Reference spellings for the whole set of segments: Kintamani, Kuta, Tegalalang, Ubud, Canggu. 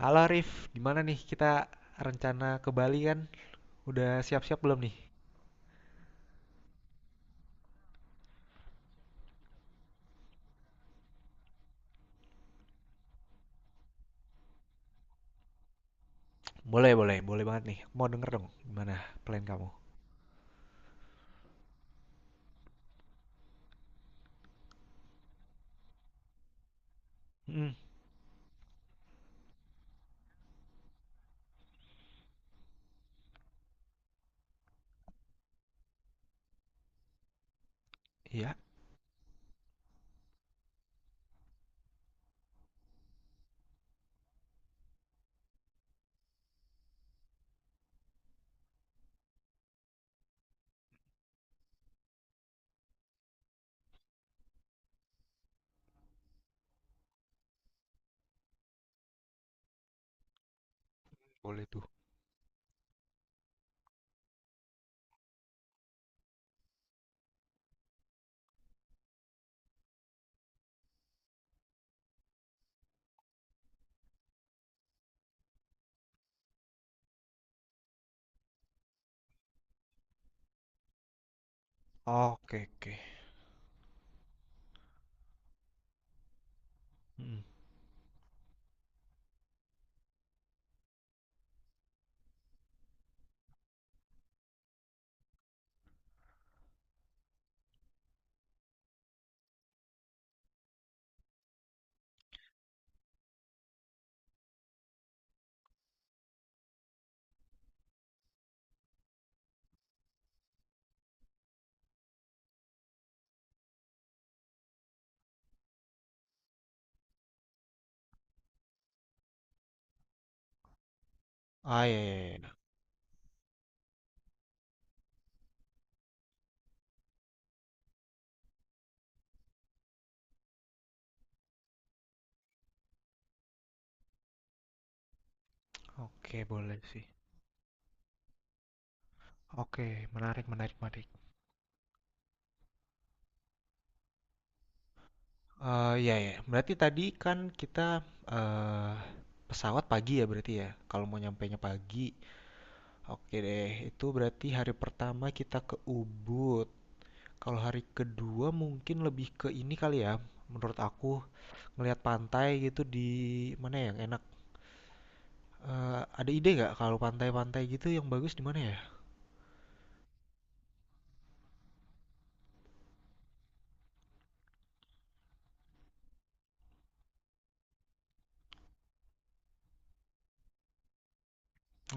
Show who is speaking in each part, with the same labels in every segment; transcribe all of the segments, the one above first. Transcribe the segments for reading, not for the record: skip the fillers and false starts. Speaker 1: Halo Rif, gimana nih kita rencana ke Bali kan? Udah siap-siap belum nih? Boleh, boleh, boleh banget nih. Mau denger dong gimana plan kamu? Hmm, iya. Boleh tuh. Oke, oke. Mm. Ah, iya, iya, iya. Oke, boleh sih. Oke, menarik, menarik, menarik. Eh, iya, iya. Berarti tadi kan kita eh pesawat pagi ya berarti ya. Kalau mau nyampainya pagi. Oke deh, itu berarti hari pertama kita ke Ubud. Kalau hari kedua mungkin lebih ke ini kali ya, menurut aku ngelihat pantai gitu di mana yang enak. Eh, ada ide nggak kalau pantai-pantai gitu yang bagus di mana ya?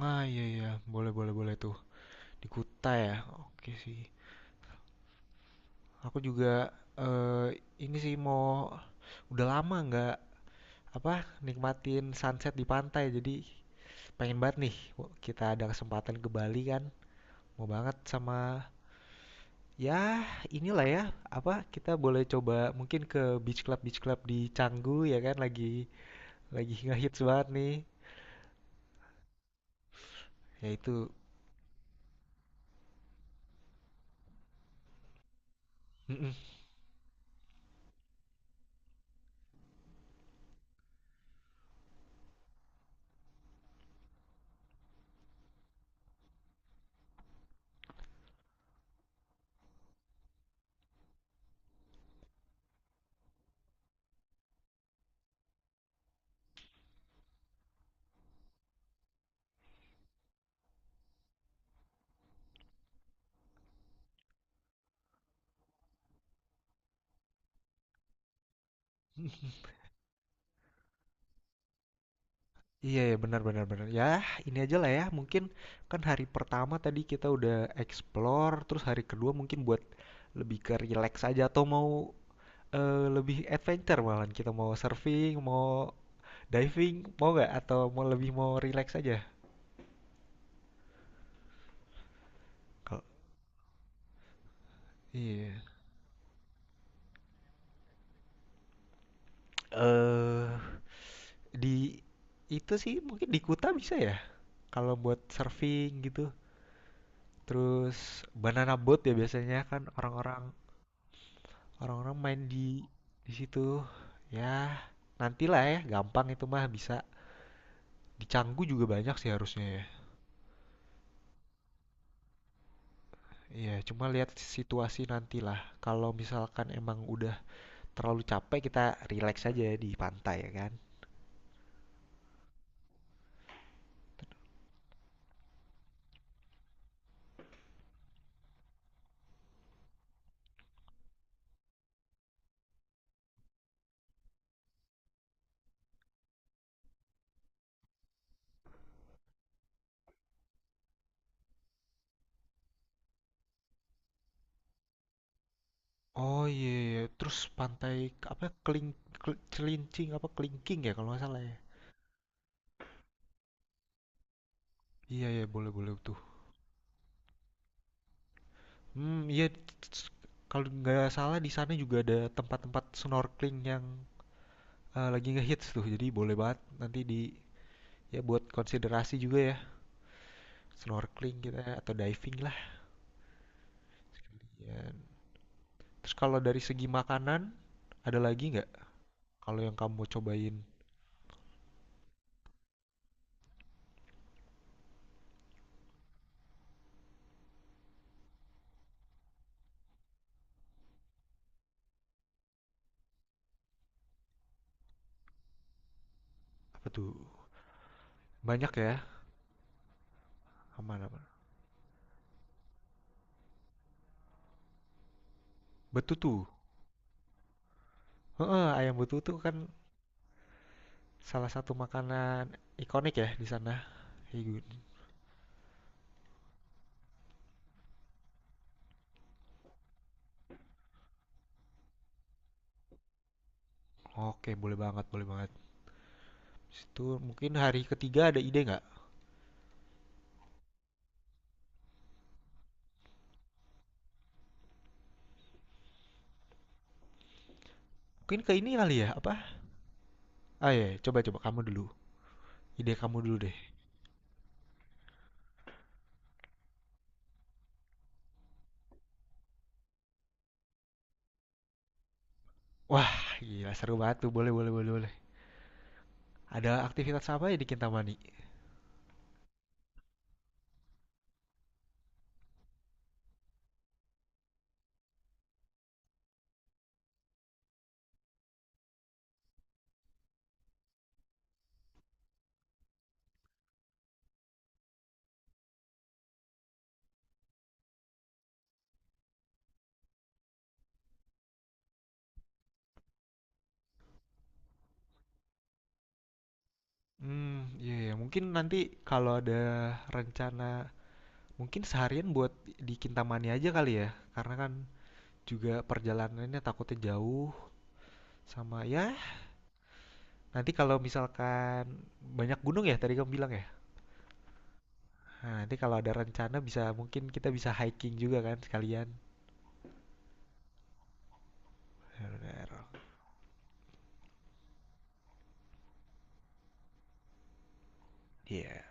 Speaker 1: Ah iya iya, boleh boleh boleh tuh di Kuta ya. Oke sih. Aku juga eh ini sih mau udah lama nggak apa nikmatin sunset di pantai. Jadi pengen banget nih kita ada kesempatan ke Bali kan. Mau banget sama ya, inilah ya, apa kita boleh coba mungkin ke beach club di Canggu ya kan lagi ngehits banget nih. Ya itu. Mm-mm. Iya ya benar benar benar. Ya, ini aja lah ya. Mungkin kan hari pertama tadi kita udah explore, terus hari kedua mungkin buat lebih ke relax aja atau mau lebih adventure malahan kita mau surfing, mau diving, mau nggak atau mau lebih mau relax aja? Kalau iya. Eh Di itu sih mungkin di Kuta bisa ya? Kalau buat surfing gitu. Terus banana boat ya biasanya kan orang-orang main di situ. Ya, nantilah ya, gampang itu mah bisa. Di Canggu juga banyak sih harusnya ya. Iya, cuma lihat situasi nantilah. Kalau misalkan emang udah terlalu capek, kita relax aja ya di pantai ya kan. Oh iya, iya. Terus pantai apa keling, celincing apa kelingking ya kalau nggak salah ya. Iya ya boleh boleh tuh. Hmm, iya. s- Kalau nggak salah di sana juga ada tempat-tempat snorkeling yang lagi ngehits tuh. Jadi boleh banget nanti di ya buat konsiderasi juga ya snorkeling kita atau diving lah. Ya. Terus kalau dari segi makanan ada lagi nggak? Kalau yang kamu mau cobain apa tuh? Banyak ya. Aman-aman. Betutu. Heeh, ayam betutu kan salah satu makanan ikonik ya di sana. Iya, Gun. Oke, boleh banget, boleh banget. Situ mungkin hari ketiga ada ide nggak? Mungkin ke ini kali ya, apa? Ah ya, coba coba kamu dulu. Ide kamu dulu deh. Wah, gila seru banget tuh. Boleh, boleh, boleh, boleh. Ada aktivitas apa ya di Kintamani? Hmm, iya, iya. Mungkin nanti kalau ada rencana, mungkin seharian buat di Kintamani aja kali ya. Karena kan juga perjalanannya takutnya jauh sama ya. Nanti kalau misalkan banyak gunung ya, tadi kamu bilang ya. Nah, nanti kalau ada rencana bisa mungkin kita bisa hiking juga kan sekalian. Benar. Iya. Yeah.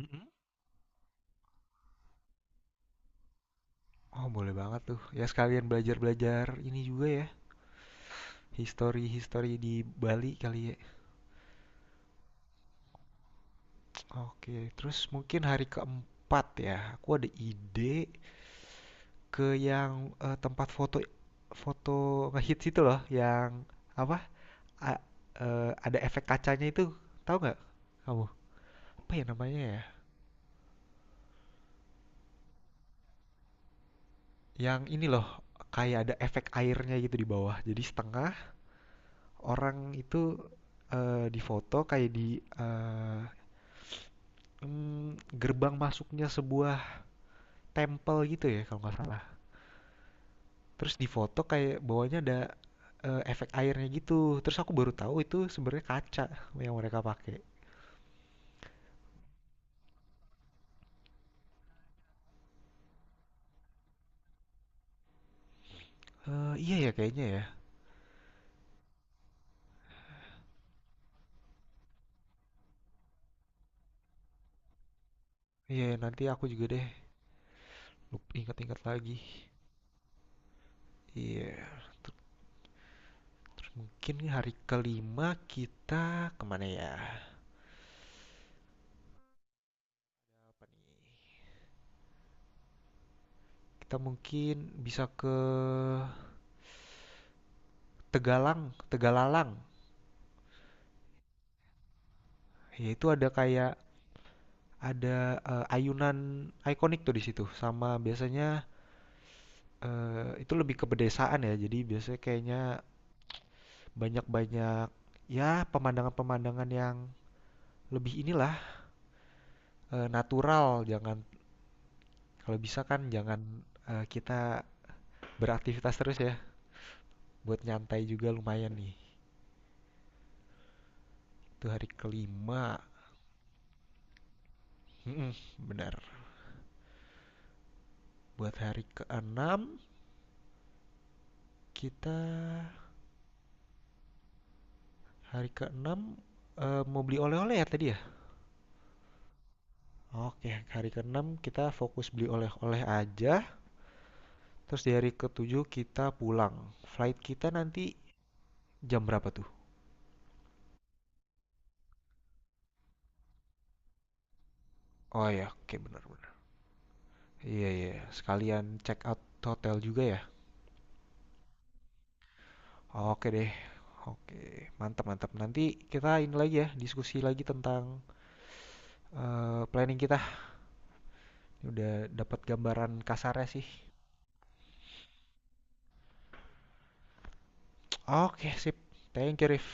Speaker 1: Mm-mm. Oh, boleh banget tuh. Ya sekalian belajar-belajar ini juga ya, history-history di Bali kali ya. Oke, terus mungkin hari keempat ya, aku ada ide ke yang tempat foto foto ngehits itu loh, yang apa? A- ada efek kacanya itu, tahu nggak kamu? Apa ya namanya ya? Yang ini loh, kayak ada efek airnya gitu di bawah. Jadi setengah orang itu difoto kayak di eh, gerbang masuknya sebuah temple gitu ya kalau nggak salah. Terus di foto kayak bawahnya ada efek airnya gitu. Terus aku baru tahu itu sebenarnya kaca yang mereka pakai. Eh, iya ya kayaknya ya. Iya ya, nanti aku juga deh ingat-ingat lagi. Iya. Terus mungkin hari kelima kita kemana ya? Kita mungkin bisa ke Tegalang, Tegalalang. Ya itu ada kayak ada ayunan ikonik tuh di situ sama biasanya itu lebih ke pedesaan ya jadi biasanya kayaknya banyak-banyak ya pemandangan-pemandangan yang lebih inilah natural jangan kalau bisa kan jangan kita beraktivitas terus ya buat nyantai juga lumayan nih itu hari kelima mm benar buat hari keenam kita hari keenam mau beli oleh-oleh ya tadi ya. Oke, hari keenam kita fokus beli oleh-oleh aja. Terus di hari ketujuh kita pulang. Flight kita nanti jam berapa tuh? Oh ya, oke benar-benar. Iya iya, sekalian check out hotel juga ya. Oke deh. Oke, mantap mantap. Nanti kita ini lagi ya, diskusi lagi tentang planning kita. Udah dapat gambaran kasarnya sih. Oke, sip. Thank you, Rif.